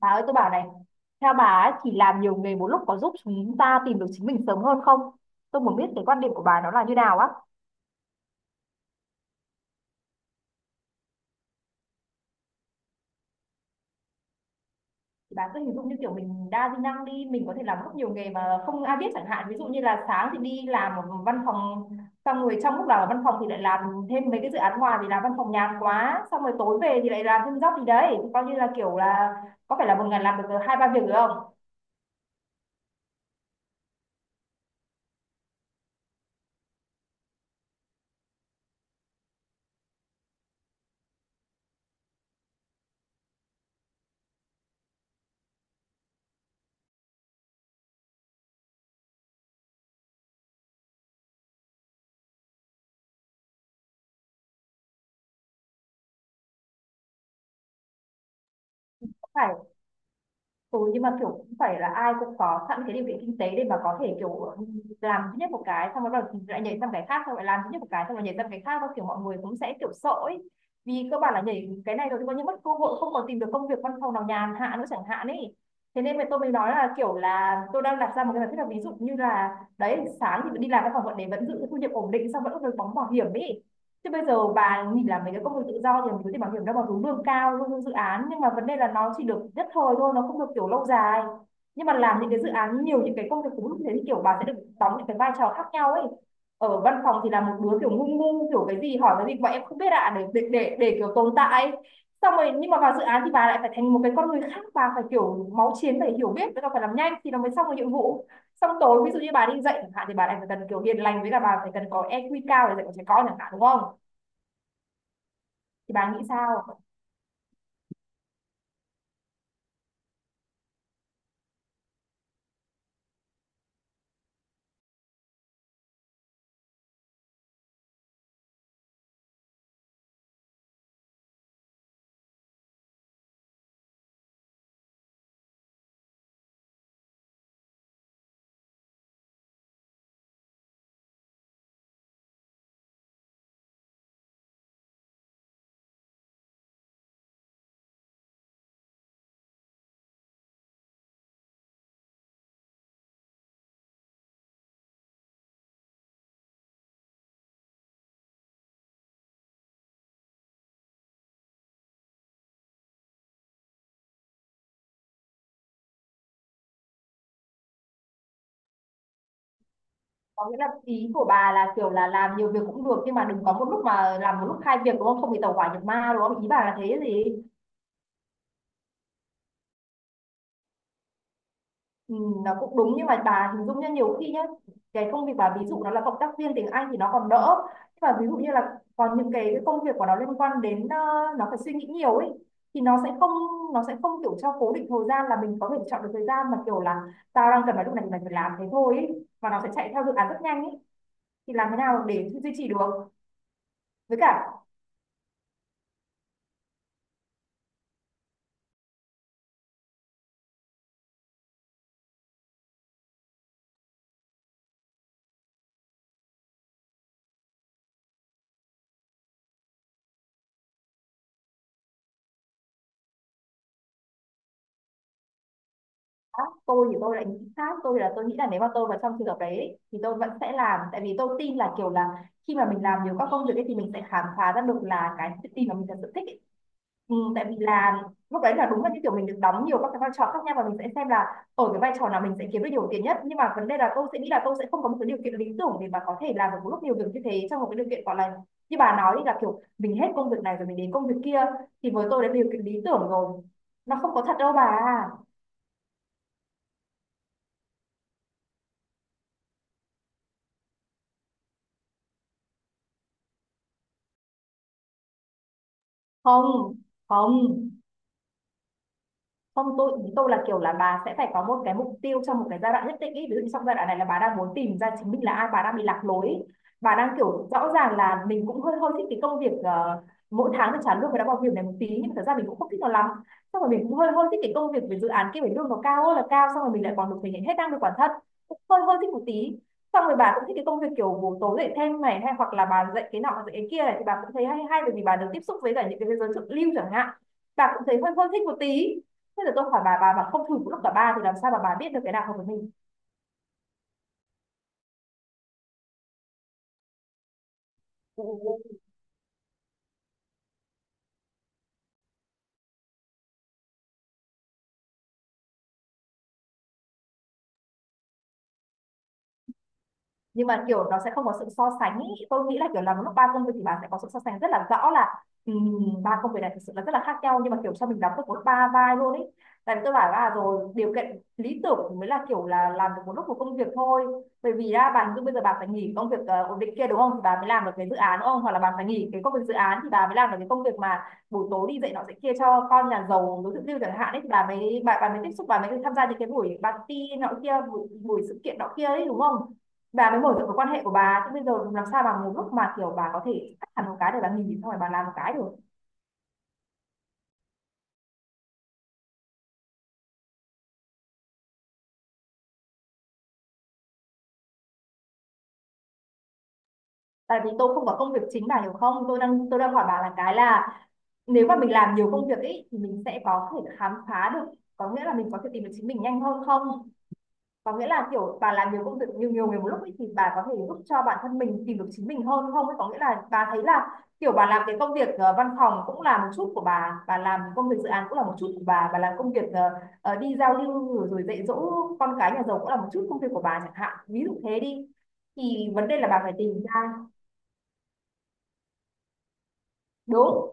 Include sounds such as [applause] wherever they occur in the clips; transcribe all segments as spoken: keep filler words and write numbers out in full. Bà ơi tôi bảo này, theo bà ấy thì làm nhiều nghề một lúc có giúp chúng ta tìm được chính mình sớm hơn không? Tôi muốn biết cái quan điểm của bà nó là như nào á. Thì bà cứ hình dung như kiểu mình đa di năng đi, mình có thể làm rất nhiều nghề mà không ai biết chẳng hạn. Ví dụ như là sáng thì đi làm ở văn phòng, xong rồi trong lúc làm ở văn phòng thì lại làm thêm mấy cái dự án ngoài vì làm văn phòng nhàn quá. Xong rồi tối về thì lại làm thêm job gì đấy. Coi như là kiểu là có phải là một ngày làm được hai ba việc được không? Phải. Ừ, nhưng mà kiểu cũng phải là ai cũng có sẵn cái điều kiện kinh tế để mà có thể kiểu làm duy nhất một cái xong rồi bắt đầu lại nhảy sang cái khác, xong rồi làm duy nhất một cái xong rồi nhảy sang cái khác, và kiểu mọi người cũng sẽ kiểu sợ ấy, vì cơ bản là nhảy cái này rồi thì coi như mất cơ hội không còn tìm được công việc văn phòng nào nhàn hạ nữa chẳng hạn ấy. Thế nên mà tôi mới nói là kiểu là tôi đang đặt ra một cái giả thiết là ví dụ như là đấy, sáng thì đi làm văn phòng vẫn để vẫn giữ thu nhập ổn định, xong vẫn được đóng bảo hiểm ấy. Thế bây giờ bà nghỉ làm mấy cái công việc tự do thì mình có thể bảo hiểm đâu mà hướng lương cao, lương dự án, nhưng mà vấn đề là nó chỉ được nhất thời thôi, nó không được kiểu lâu dài. Nhưng mà làm những cái dự án nhiều, những cái công việc cũng như thế, thì kiểu bà sẽ được đóng những cái vai trò khác nhau ấy. Ở văn phòng thì là một đứa kiểu ngu ngu, kiểu cái gì hỏi cái gì mà em không biết ạ, để, để để để kiểu tồn tại ấy. Xong rồi nhưng mà vào dự án thì bà lại phải thành một cái con người khác, bà phải kiểu máu chiến, phải hiểu biết, với cả phải làm nhanh thì nó mới xong được nhiệm vụ. Xong tối ví dụ như bà đi dạy chẳng hạn thì bà lại phải cần kiểu hiền lành, với cả bà phải cần có i kiu cao để dạy con trẻ con chẳng hạn, đúng không? Thì bà nghĩ sao? Có nghĩa là ý của bà là kiểu là làm nhiều việc cũng được nhưng mà đừng có một lúc mà làm một lúc hai việc, đúng không, không bị tẩu hỏa nhập ma, đúng không, ý bà là thế gì? Ừ, nó cũng đúng nhưng mà bà hình dung nhá, nhiều khi nhá cái công việc bà ví dụ nó là cộng tác viên tiếng Anh thì nó còn đỡ, nhưng mà ví dụ như là còn những cái công việc của nó liên quan đến ờ, nó phải suy nghĩ nhiều ấy, thì nó sẽ không nó sẽ không kiểu cho cố định thời gian, là mình có thể chọn được thời gian mà kiểu là tao đang cần vào lúc này thì mình phải làm thế thôi ấy. Và nó sẽ chạy theo dự án rất nhanh ấy, thì làm thế nào để duy trì được. Với cả tôi thì tôi lại nghĩ khác, tôi là tôi nghĩ là nếu mà tôi vào trong trường hợp đấy ấy, thì tôi vẫn sẽ làm, tại vì tôi tin là kiểu là khi mà mình làm nhiều các công việc ấy, thì mình sẽ khám phá ra được là cái tự tin mà mình thật sự thích ấy. Ừ, tại vì là lúc đấy là đúng là như kiểu mình được đóng nhiều các cái vai trò khác nhau, và mình sẽ xem là ở cái vai trò nào mình sẽ kiếm được nhiều tiền nhất. Nhưng mà vấn đề là tôi sẽ nghĩ là tôi sẽ không có một cái điều kiện lý tưởng để mà có thể làm được một lúc nhiều việc như thế, trong một cái điều kiện gọi là như bà nói là kiểu mình hết công việc này rồi mình đến công việc kia, thì với tôi đã điều kiện lý tưởng rồi, nó không có thật đâu bà. Không không không tôi ý tôi là kiểu là bà sẽ phải có một cái mục tiêu trong một cái giai đoạn nhất định ý. Ví dụ như trong giai đoạn này là bà đang muốn tìm ra chính mình là ai, bà đang bị lạc lối ý. Bà đang kiểu rõ ràng là mình cũng hơi hơi thích cái công việc ờ, mỗi tháng được trả lương và đã bảo hiểm này một tí, nhưng mà thật ra mình cũng không thích nó lắm. Xong rồi mình cũng hơi hơi thích cái công việc về dự án kia, phải lương nó cao ơi là cao, xong rồi mình lại còn được thể hiện hết năng lực bản thân, cũng hơi hơi thích một tí. Xong rồi bà cũng thích cái công việc kiểu buổi tối dạy thêm này, hay hoặc là bà dạy cái nọ dạy cái kia này, thì bà cũng thấy hay hay bởi vì bà được tiếp xúc với cả những cái giới thượng lưu chẳng hạn, bà cũng thấy hơi hơi thích một tí. Thế là tôi hỏi bà bà mà không thử lúc cả ba thì làm sao mà bà biết được cái nào hợp với mình? Nhưng mà kiểu nó sẽ không có sự so sánh ý. Tôi nghĩ là kiểu làm lúc ba công việc thì bạn sẽ có sự so sánh rất là rõ, là ừm, ba um, công việc này thực sự là rất là khác nhau, nhưng mà kiểu sao mình đóng được một ba vai luôn ấy. Tại vì tôi bảo là à, rồi điều kiện lý tưởng thì mới là kiểu là làm được một lúc một công việc thôi, bởi vì ra bạn như bây giờ bạn phải nghỉ công việc ờ, ổn định kia đúng không, thì bà mới làm được cái dự án đúng không, hoặc là bạn phải nghỉ cái công việc dự án thì bà mới làm được cái công việc mà buổi tối đi dạy nọ dạy kia cho con nhà giàu đối tượng tiêu chẳng hạn ấy, thì bà mới bà, bà mới tiếp xúc, bà mới tham gia những cái buổi party nọ kia, buổi, buổi sự kiện nọ kia ấy đúng không, bà mới mở rộng cái quan hệ của bà. Chứ bây giờ làm sao bà một lúc mà kiểu bà có thể cắt hẳn một cái để bà nghỉ xong rồi bà làm một cái được. Tại vì tôi không có công việc chính, bà hiểu không, tôi đang tôi đang hỏi bà là cái là nếu mà mình làm nhiều công việc ấy thì mình sẽ có thể khám phá được, có nghĩa là mình có thể tìm được chính mình nhanh hơn không, có nghĩa là kiểu bà làm nhiều công việc nhiều nhiều người một lúc ấy, thì bà có thể giúp cho bản thân mình tìm được chính mình hơn không ấy, có nghĩa là bà thấy là kiểu bà làm cái công việc ờ, văn phòng cũng là một chút của bà bà làm công việc dự án cũng là một chút của bà bà làm công việc ờ, ờ, đi giao lưu rồi, rồi dạy dỗ con cái nhà giàu cũng là một chút công việc của bà chẳng hạn, ví dụ thế đi, thì vấn đề là bà phải tìm ra. Đúng.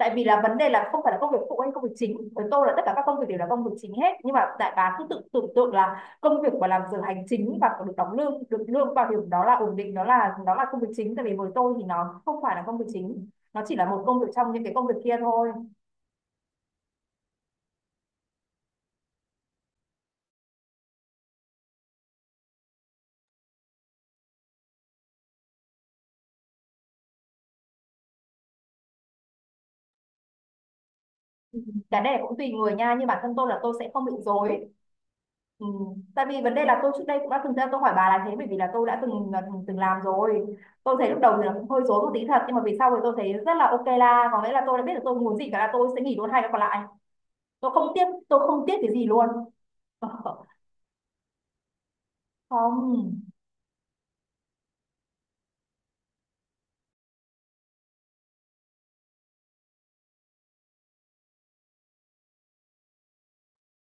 Tại vì là vấn đề là không phải là công việc phụ hay công việc chính, với tôi là tất cả các công việc đều là công việc chính hết, nhưng mà đại bá cứ tự tưởng tượng là công việc mà làm giờ hành chính và được đóng lương, được lương bảo hiểm, đó là ổn định, nó là nó là công việc chính. Tại vì với tôi thì nó không phải là công việc chính, nó chỉ là một công việc trong những cái công việc kia thôi. Cái này cũng tùy người nha, nhưng bản thân tôi là tôi sẽ không bị rối. Ừ. Tại vì vấn đề là tôi trước đây cũng đã từng ra tôi hỏi bà là thế. Bởi vì là tôi đã từng từng, từng làm rồi. Tôi thấy lúc đầu thì là cũng hơi rối một tí thật, nhưng mà về sau thì tôi thấy rất là ok la, có nghĩa là tôi đã biết được tôi muốn gì, cả là tôi sẽ nghỉ luôn hai cái còn lại. Tôi không tiếc, tôi không tiếc cái gì luôn. [laughs] Không.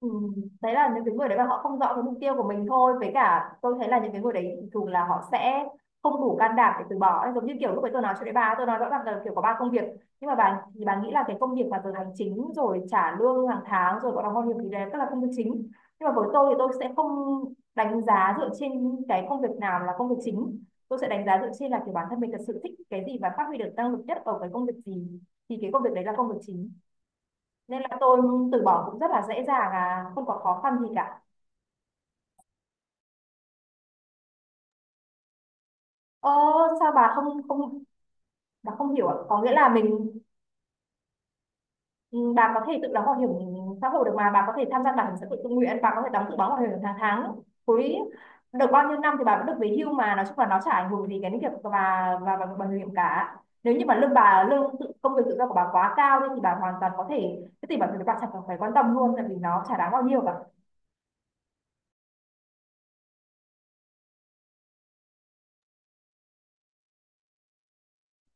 Ừ. Đấy là những cái người đấy mà họ không rõ cái mục tiêu của mình thôi, với cả tôi thấy là những cái người đấy thường là họ sẽ không đủ can đảm để từ bỏ ấy. Giống như kiểu lúc ấy tôi nói cho đấy, bà tôi nói rõ ràng là kiểu có ba công việc, nhưng mà bà thì bà nghĩ là cái công việc mà giờ hành chính rồi trả lương hàng tháng rồi có đóng bảo hiểm thì đấy tức là công việc chính. Nhưng mà với tôi thì tôi sẽ không đánh giá dựa trên cái công việc nào là công việc chính, tôi sẽ đánh giá dựa trên là kiểu bản thân mình thật sự thích cái gì và phát huy được năng lực nhất ở cái công việc gì, thì cái công việc đấy là công việc chính. Nên là tôi từ bỏ cũng rất là dễ dàng, à không có khó khăn gì cả. Ơ, sao bà không không bà không hiểu ạ, có nghĩa là mình, ừ, bà có thể tự đóng bảo hiểm xã hội được mà, bà có thể tham gia bảo hiểm xã hội tự nguyện, bà có thể đóng tự đóng bảo hiểm hàng tháng, cuối được bao nhiêu năm thì bà vẫn được về hưu mà. Nói chung là nó chả ảnh hưởng gì cái việc và và và bà, bà, bảo hiểm cả. Nếu như mà lương bà lương tự, công việc tự do của bà quá cao thì bà hoàn toàn có thể cái tiền bảo hiểm bà chẳng cần phải quan tâm luôn, tại vì nó chả đáng bao nhiêu cả.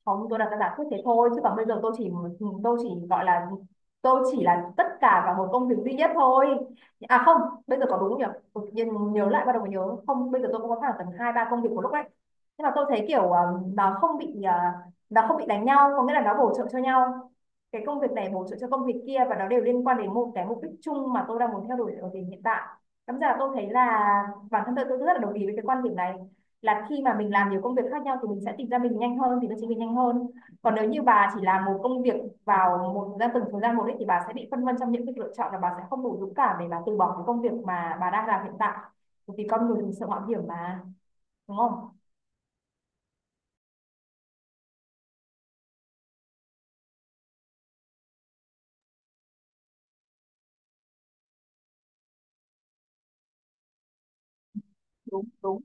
Không, tôi đặt ra giả thuyết thế thôi, chứ còn bây giờ tôi chỉ, tôi chỉ gọi là, tôi chỉ là tất cả vào một công việc duy nhất thôi. À không, bây giờ có đúng không nhỉ? Tự nhiên nhớ lại bắt đầu mới nhớ, không bây giờ tôi cũng có khoảng tầm hai ba công việc một lúc ấy. Nhưng mà tôi thấy kiểu ờ, nó không bị ờ, nó không bị đánh nhau, có nghĩa là nó bổ trợ cho nhau. Cái công việc này bổ trợ cho công việc kia và nó đều liên quan đến một cái mục đích chung mà tôi đang muốn theo đuổi ở thời điểm hiện tại. Cảm ra là tôi thấy là bản thân tôi tôi rất là đồng ý với cái quan điểm này, là khi mà mình làm nhiều công việc khác nhau thì mình sẽ tìm ra mình nhanh hơn, tìm ra chính mình nhanh hơn. Còn nếu như bà chỉ làm một công việc vào một ra từng thời gian một ấy, thì bà sẽ bị phân vân trong những cái lựa chọn, là bà sẽ không đủ dũng cảm để bà từ bỏ cái công việc mà bà đang làm hiện tại, vì con người mình sợ mạo hiểm mà, đúng không? Đúng đúng,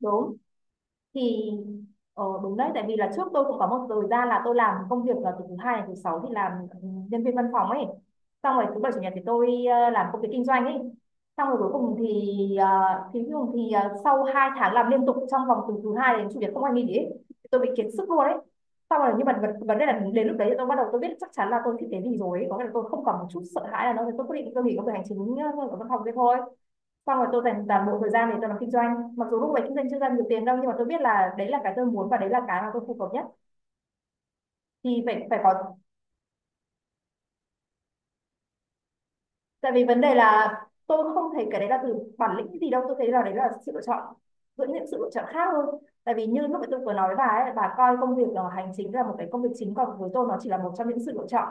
đúng. Thì ờ, đúng đấy, tại vì là trước tôi cũng có một thời gian là tôi làm công việc là từ thứ hai đến thứ sáu thì làm, ừ, nhân viên văn phòng ấy. Xong rồi thứ bảy chủ nhật thì tôi ờ, làm công việc kinh doanh ấy. Xong rồi cuối cùng thì uh, thì cuối cùng thì ờ, sau hai tháng làm liên tục trong vòng từ thứ hai đến chủ nhật không ai nghỉ ấy, thì tôi bị kiệt sức luôn ấy. Xong rồi nhưng mà vấn vấn đề là đến lúc đấy thì tôi bắt đầu tôi biết chắc chắn là tôi thích cái gì rồi ấy. Có nghĩa là tôi không còn một chút sợ hãi nào nữa, tôi quyết định tôi nghỉ công việc hành chính ờ, ở văn phòng kia thôi. Xong rồi tôi dành toàn bộ thời gian để tôi làm kinh doanh, mặc dù lúc đấy kinh doanh chưa ra nhiều tiền đâu, nhưng mà tôi biết là đấy là cái tôi muốn và đấy là cái mà tôi phù hợp nhất. Thì phải phải có. Tại vì vấn đề là tôi không thấy cái đấy là từ bản lĩnh gì đâu, tôi thấy là đấy là sự lựa chọn giữa những sự lựa chọn khác hơn. Tại vì như lúc nãy tôi vừa nói với bà ấy, bà coi công việc ờ, hành chính là một cái công việc chính, còn với tôi nó chỉ là một trong những sự lựa chọn.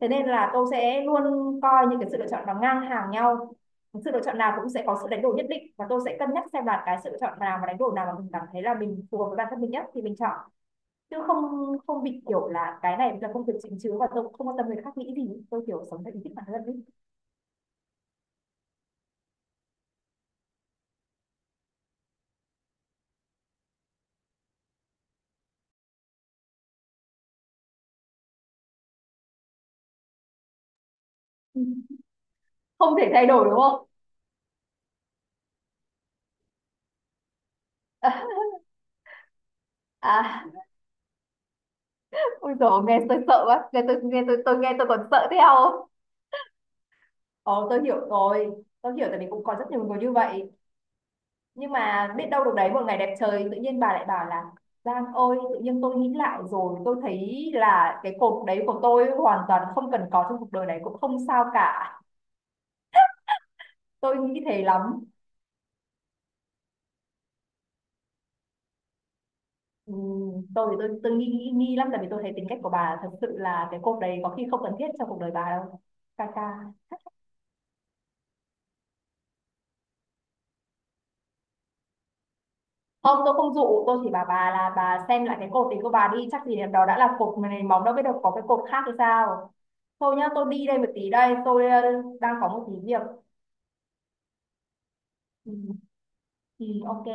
Thế nên là tôi sẽ luôn coi những cái sự lựa chọn nó ngang hàng nhau. Sự lựa chọn nào cũng sẽ có sự đánh đổi nhất định, và tôi sẽ cân nhắc xem là cái sự lựa chọn nào và đánh đổi nào mà mình cảm thấy là mình phù hợp với bản thân mình nhất thì mình chọn. Chứ không không bị kiểu là cái này là công việc chính chứ, và tôi không quan tâm người khác nghĩ gì, tôi kiểu sống theo ý thích bản thân mình. Không thể thay đổi đúng không? [laughs] À. À, ôi dồi nghe tôi sợ quá, nghe tôi nghe tôi tôi nghe tôi còn sợ theo. Ồ tôi hiểu rồi, tôi hiểu, tại vì cũng có rất nhiều người như vậy. Nhưng mà biết đâu được đấy, một ngày đẹp trời tự nhiên bà lại bảo là Giang ơi, tự nhiên tôi nghĩ lại rồi, tôi thấy là cái cột đấy của tôi hoàn toàn không cần có trong cuộc đời này cũng không sao cả. Tôi nghĩ thế lắm. Ừ, tôi thì tôi tôi nghi nghi nghi lắm, tại vì tôi thấy tính cách của bà thật sự là cái cột đấy có khi không cần thiết trong cuộc đời bà đâu. Ca ca. Không, tôi không dụ, tôi chỉ bảo bà là bà xem lại cái cột thì của bà đi, chắc gì đó đã là cột mà này móng, đâu biết được có cái cột khác hay sao. Thôi nhá, tôi đi đây một tí đây, tôi ờ, đang có một tí việc. Ừ, ừ, ok.